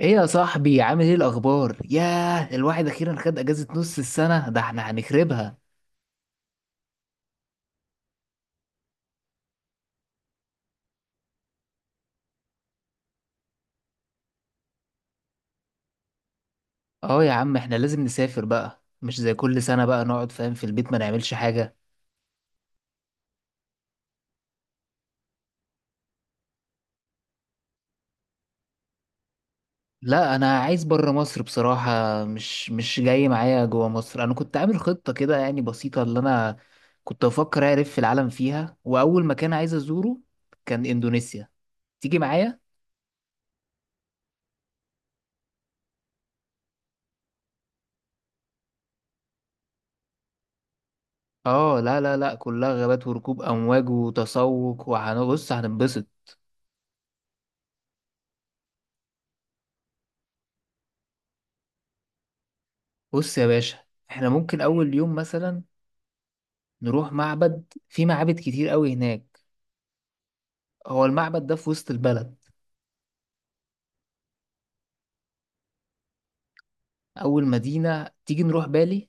ايه يا صاحبي، عامل ايه الاخبار؟ ياه، الواحد اخيرا خد اجازة نص السنة، ده احنا هنخربها. اه يا عم، احنا لازم نسافر بقى، مش زي كل سنة بقى نقعد فاهم في البيت ما نعملش حاجة. لا انا عايز برا مصر بصراحة، مش جاي معايا جوا مصر. انا كنت عامل خطة كده يعني بسيطة اللي انا كنت بفكر اعرف في العالم فيها، واول مكان عايز ازوره كان اندونيسيا. تيجي معايا؟ اه، لا لا لا، كلها غابات وركوب امواج وتسوق وهنبص هننبسط. بص يا باشا، احنا ممكن اول يوم مثلا نروح معبد، في معابد كتير قوي هناك، هو المعبد ده في وسط البلد. اول مدينة تيجي نروح بالي.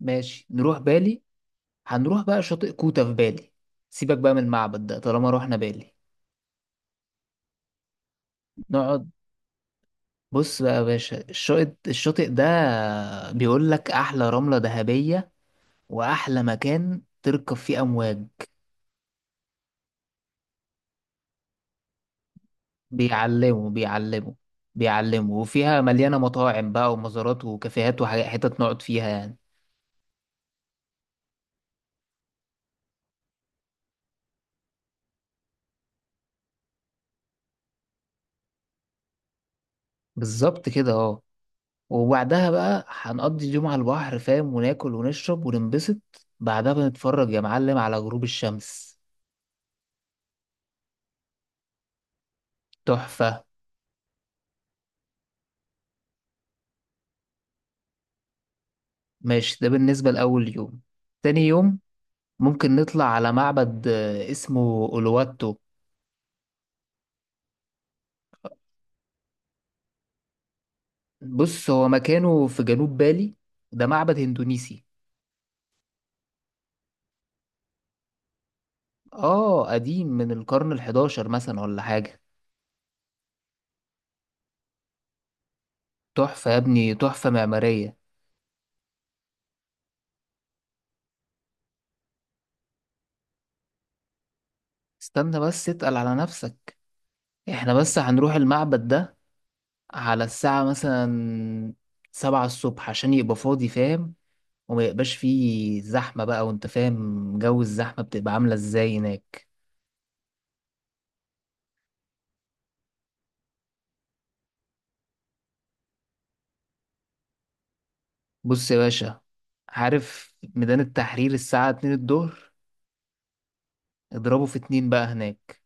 ماشي، نروح بالي. هنروح بقى شاطئ كوتا في بالي، سيبك بقى من المعبد ده طالما روحنا بالي. نقعد. بص بقى يا باشا، الشاطئ ده بيقول لك احلى رملة ذهبية واحلى مكان تركب فيه امواج. بيعلموا بيعلموا بيعلموا، وفيها مليانة مطاعم بقى ومزارات وكافيهات وحتت نقعد فيها يعني. بالظبط كده، اه. وبعدها بقى هنقضي اليوم على البحر فاهم وناكل ونشرب وننبسط. بعدها بنتفرج يا معلم على غروب الشمس. تحفة. ماشي، ده بالنسبة لأول يوم. تاني يوم ممكن نطلع على معبد، اسمه أولواتو. بص، هو مكانه في جنوب بالي. ده معبد اندونيسي. اه قديم، من القرن الحداشر مثلا ولا حاجة. تحفة يا ابني، تحفة معمارية. استنى بس، اتقل على نفسك. احنا بس هنروح المعبد ده على الساعة مثلا 7 الصبح عشان يبقى فاضي فاهم، وما يبقاش فيه زحمة بقى، وانت فاهم جو الزحمة بتبقى عاملة ازاي هناك. بص يا باشا، عارف ميدان التحرير الساعة 2 الظهر؟ اضربه في 2 بقى هناك.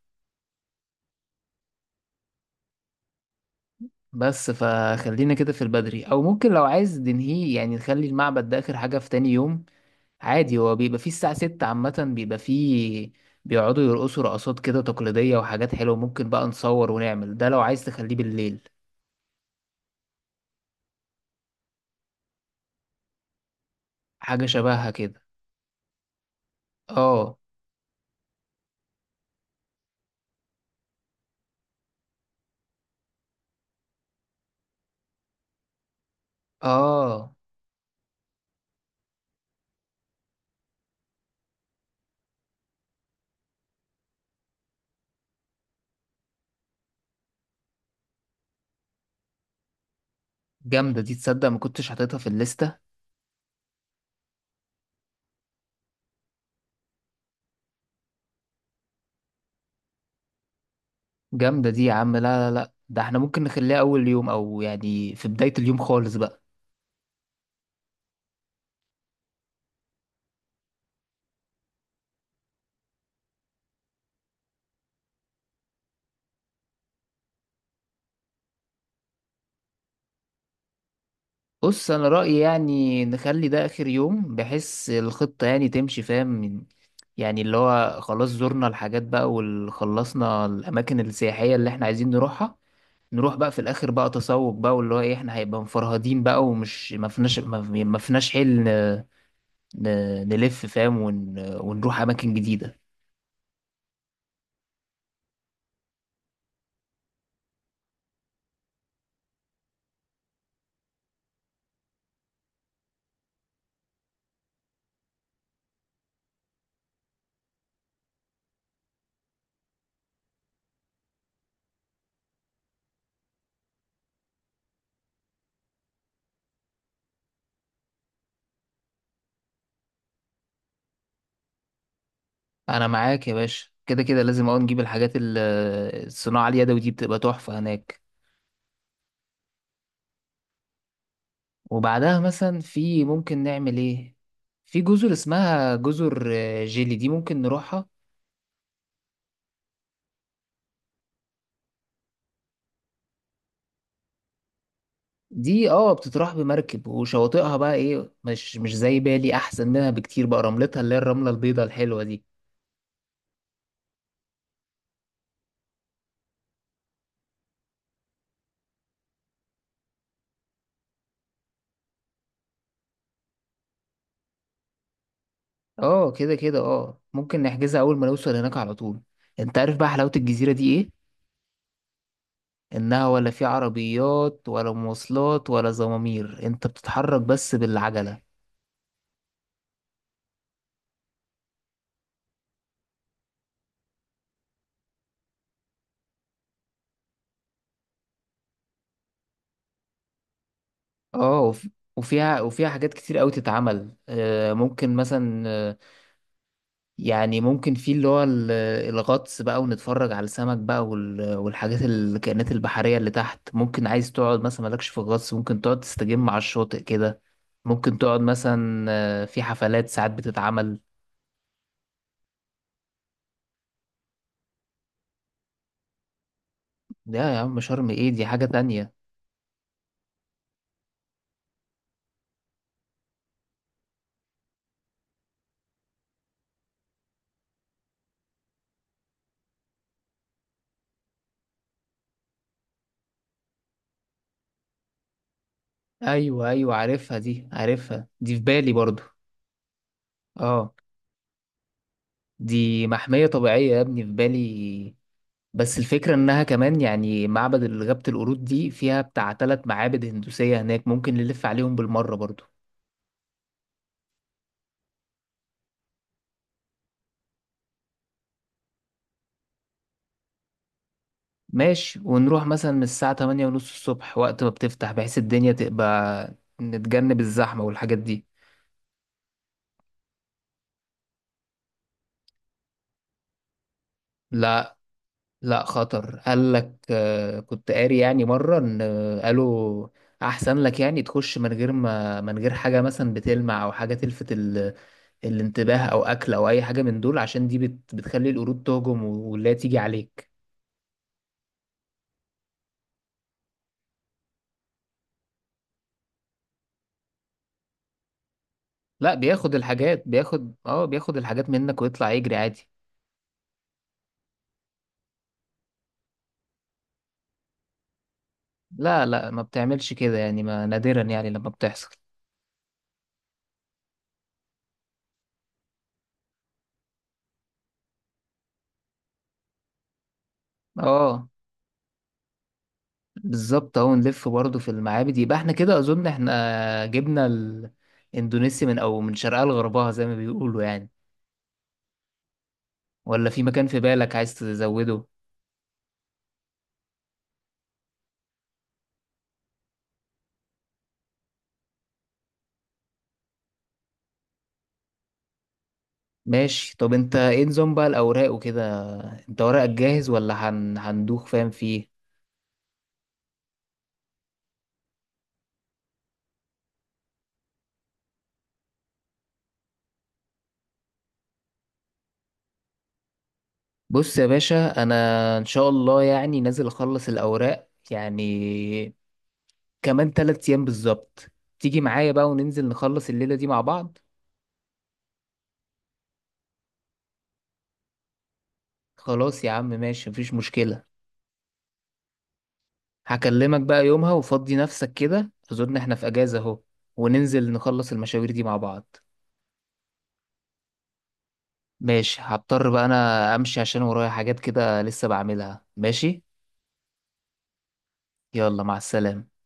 بس فخلينا كده في البدري، او ممكن لو عايز ننهيه يعني نخلي المعبد ده اخر حاجة في تاني يوم عادي. هو بيبقى فيه الساعة 6 عامة بيبقى فيه، بيقعدوا يرقصوا رقصات كده تقليدية وحاجات حلوة، ممكن بقى نصور ونعمل ده لو عايز تخليه بالليل. حاجة شبهها كده، اه. اه، جامدة دي. تصدق ما كنتش حاططها في الليستة. جامدة دي يا عم، لا لا لا، ده احنا ممكن نخليها أول يوم أو يعني في بداية اليوم خالص بقى. بص، انا رأيي يعني نخلي ده اخر يوم بحيث الخطة يعني تمشي فاهم يعني اللي هو خلاص زرنا الحاجات بقى وخلصنا الاماكن السياحية اللي احنا عايزين نروحها. نروح بقى في الاخر بقى تسوق بقى، واللي هو ايه احنا هيبقى مفرهدين بقى، ومش ما فيناش ما فيناش حل نلف فاهم ونروح اماكن جديدة. انا معاك يا باشا، كده كده لازم اول نجيب الحاجات الصناعة اليدوي دي بتبقى تحفة هناك. وبعدها مثلا في ممكن نعمل ايه؟ في جزر اسمها جزر جيلي، دي ممكن نروحها. دي اه بتتراح بمركب، وشواطئها بقى ايه، مش زي بالي، احسن منها بكتير بقى، رملتها اللي هي الرملة البيضاء الحلوة دي. اه، كده كده اه ممكن نحجزها اول ما نوصل هناك على طول. انت عارف بقى حلاوة الجزيرة دي ايه؟ انها ولا في عربيات ولا مواصلات ولا زمامير، انت بتتحرك بس بالعجلة. اه وفيها حاجات كتير قوي تتعمل، ممكن مثلا يعني ممكن في اللي هو الغطس بقى ونتفرج على السمك بقى والحاجات الكائنات البحرية اللي تحت. ممكن عايز تقعد مثلا مالكش في الغطس، ممكن تقعد تستجم على الشاطئ كده. ممكن تقعد مثلا في حفلات ساعات بتتعمل. لا يا عم، شرم ايه، دي حاجة تانية. ايوه ايوه، عارفها دي، عارفها دي في بالي برضو. اه، دي محمية طبيعية يا ابني في بالي. بس الفكرة إنها كمان يعني معبد غابة القرود دي فيها بتاع تلات معابد هندوسية هناك، ممكن نلف عليهم بالمرة برضو. ماشي، ونروح مثلا من الساعة 8:30 الصبح وقت ما بتفتح بحيث الدنيا تبقى، نتجنب الزحمة والحاجات دي. لا لا، خطر قال لك، كنت قاري يعني مرة ان قالوا احسن لك يعني تخش من غير ما من غير حاجة مثلا بتلمع او حاجة تلفت الانتباه او اكل او اي حاجة من دول، عشان دي بتخلي القرود تهجم ولا تيجي عليك. لا، بياخد الحاجات منك ويطلع يجري عادي. لا لا، ما بتعملش كده يعني، ما نادرا يعني لما بتحصل. اه بالظبط، اهو نلف برضه في المعابد، يبقى احنا كده اظن احنا جبنا الاندونيسي من شرقها لغربها زي ما بيقولوا يعني. ولا في مكان في بالك عايز تزوده؟ ماشي، طب انت ايه نظام بقى الاوراق وكده؟ انت ورقك جاهز ولا هندوخ فاهم فيه؟ بص يا باشا، انا ان شاء الله يعني نازل اخلص الاوراق يعني كمان 3 ايام بالظبط. تيجي معايا بقى وننزل نخلص الليلة دي مع بعض. خلاص يا عم، ماشي، مفيش مشكلة. هكلمك بقى يومها وفضي نفسك كده، اظن احنا في اجازة اهو، وننزل نخلص المشاوير دي مع بعض. ماشي، هضطر بقى انا امشي عشان ورايا حاجات كده لسه بعملها. ماشي، يلا، مع السلامة.